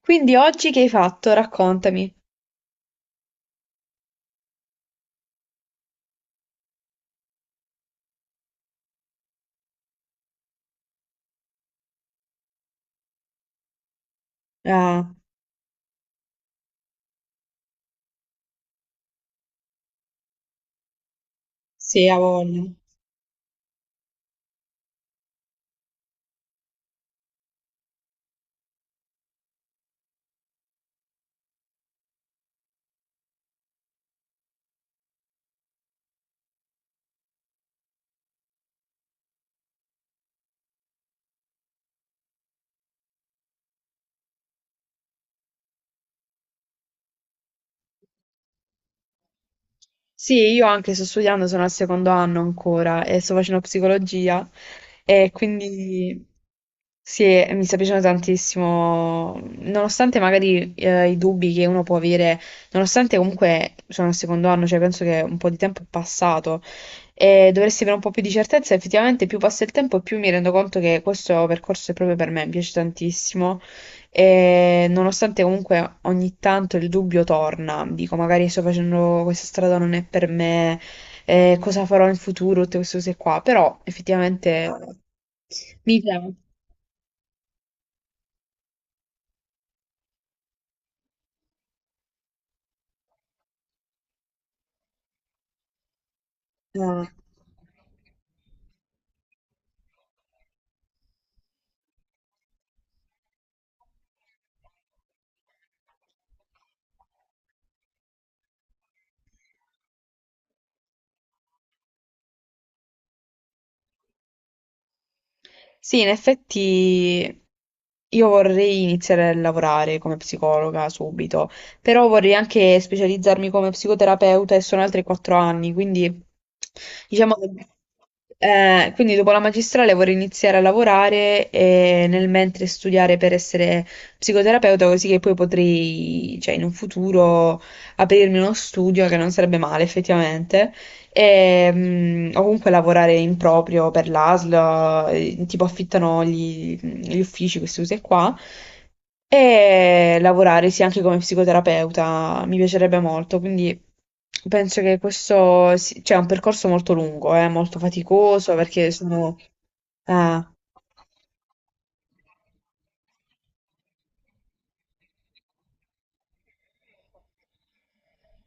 Quindi oggi che hai fatto? Raccontami. Ah, sì, ha voglia. Sì, io anche sto studiando, sono al secondo anno ancora e sto facendo psicologia e quindi... Sì, e mi sta piacendo tantissimo, nonostante magari i dubbi che uno può avere, nonostante comunque sono al secondo anno, cioè penso che un po' di tempo è passato e dovresti avere un po' più di certezza. Effettivamente più passa il tempo e più mi rendo conto che questo percorso è proprio per me, mi piace tantissimo, e nonostante comunque ogni tanto il dubbio torna, dico magari sto facendo questa strada non è per me, cosa farò in futuro, tutte queste cose qua, però effettivamente mi piace. Sì, in effetti io vorrei iniziare a lavorare come psicologa subito, però vorrei anche specializzarmi come psicoterapeuta e sono altri 4 anni, quindi diciamo che... quindi dopo la magistrale vorrei iniziare a lavorare e nel mentre studiare per essere psicoterapeuta, così che poi potrei, cioè in un futuro, aprirmi uno studio che non sarebbe male effettivamente. E, o comunque lavorare in proprio per l'ASL, tipo affittano gli uffici, queste cose qua, e lavorare sì anche come psicoterapeuta, mi piacerebbe molto. Quindi penso che questo sia cioè, è un percorso molto lungo, molto faticoso perché sono... eh,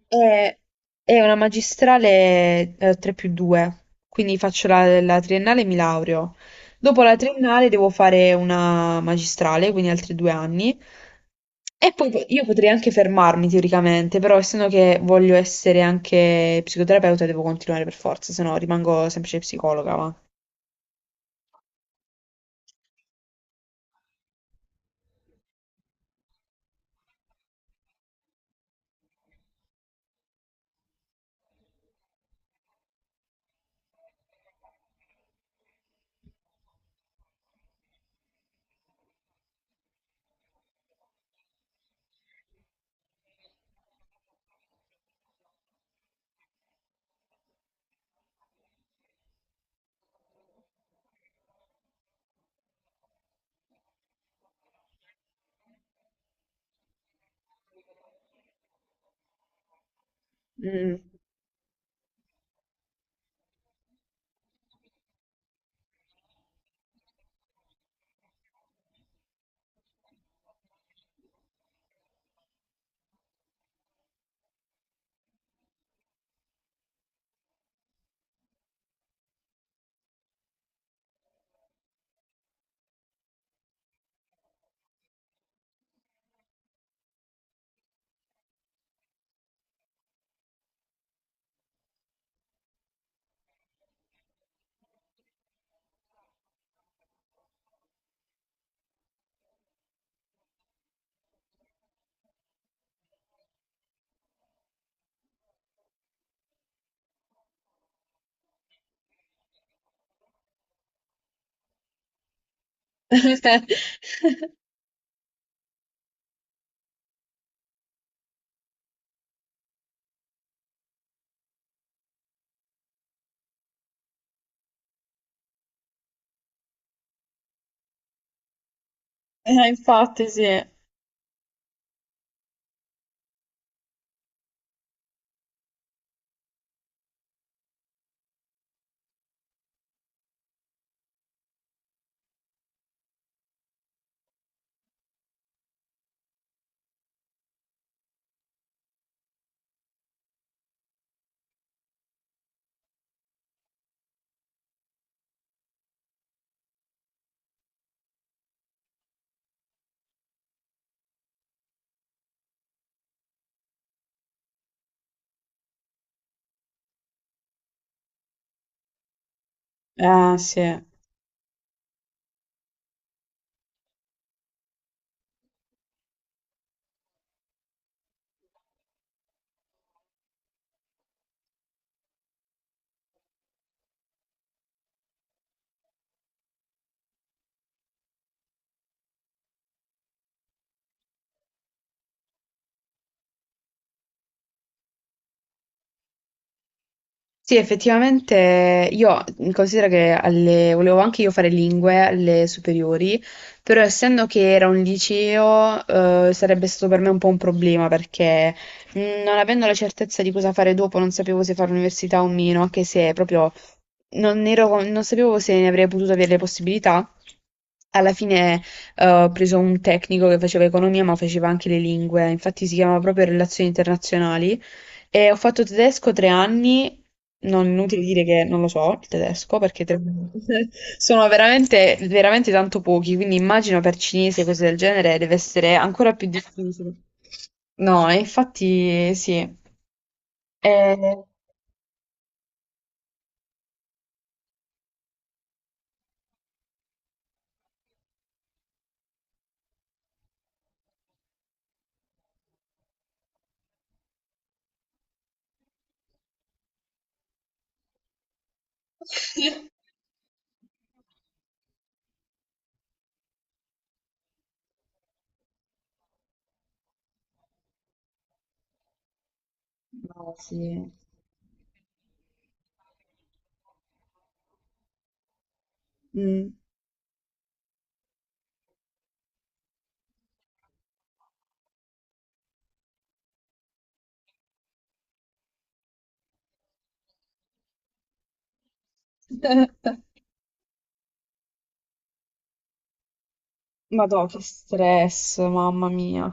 È, è una magistrale, 3 più 2, quindi faccio la triennale e mi laureo. Dopo la triennale devo fare una magistrale, quindi altri 2 anni. E poi io potrei anche fermarmi teoricamente, però essendo che voglio essere anche psicoterapeuta devo continuare per forza, se no rimango semplice psicologa, va. Mm. Infatti sì. Ah, sì. Sì, effettivamente io considero che volevo anche io fare lingue alle superiori, però essendo che era un liceo, sarebbe stato per me un po' un problema perché non avendo la certezza di cosa fare dopo, non sapevo se fare università o meno, anche se proprio non sapevo se ne avrei potuto avere le possibilità. Alla fine, ho preso un tecnico che faceva economia, ma faceva anche le lingue, infatti si chiamava proprio relazioni internazionali. E ho fatto tedesco 3 anni, non è inutile dire che non lo so il tedesco, perché sono veramente, veramente tanto pochi, quindi immagino per cinese cose del genere deve essere ancora più difficile. No, e infatti sì. Eh, No, sì. Mm. Madò, che stress, mamma mia.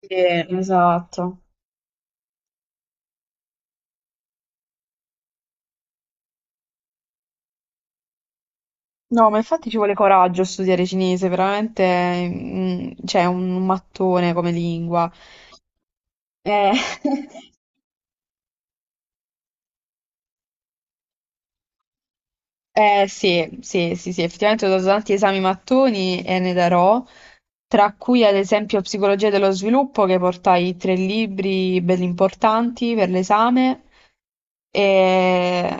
Sì, esatto. No, ma infatti ci vuole coraggio a studiare cinese, veramente, mm, c'è un mattone come lingua. Eh, Eh sì, sì, sì, sì, effettivamente ho dato tanti esami mattoni e ne darò, tra cui ad esempio Psicologia dello sviluppo, che portai tre libri belli importanti per l'esame, e,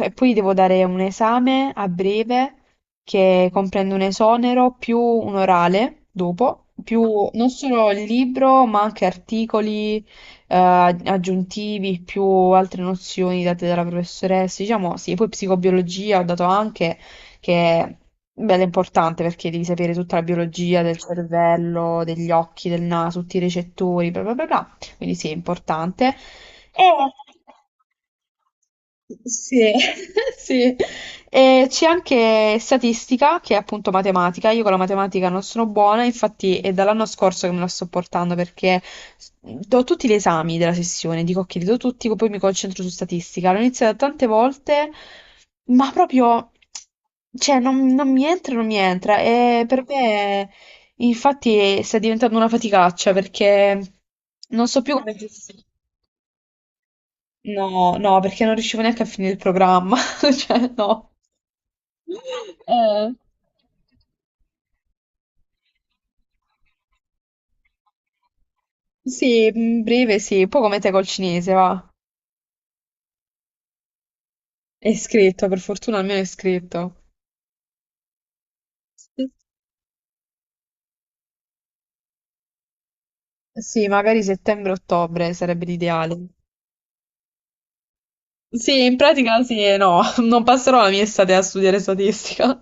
e poi devo dare un esame a breve che comprende un esonero più un orale dopo, più non solo il libro, ma anche articoli aggiuntivi, più altre nozioni date dalla professoressa. Diciamo sì, poi psicobiologia ho dato anche, che bella, è bella importante perché devi sapere tutta la biologia del cervello, degli occhi, del naso, tutti i recettori, bla bla bla, bla. Quindi sì, è importante. E sì, sì. E c'è anche statistica, che è appunto matematica. Io con la matematica non sono buona, infatti è dall'anno scorso che me la sto portando perché do tutti gli esami della sessione, dico che li do tutti, poi mi concentro su statistica. L'ho iniziata tante volte, ma proprio, cioè, non mi entra, non mi entra. E per me... Infatti sta diventando una faticaccia perché non so più come gestire. No, no, perché non riuscivo neanche a finire il programma. Cioè, no. Eh, sì, in breve sì, un po' come te col cinese, va. È scritto, per fortuna almeno è scritto. Sì, sì, magari settembre-ottobre sarebbe l'ideale. Sì, in pratica sì e no, non passerò la mia estate a studiare statistica.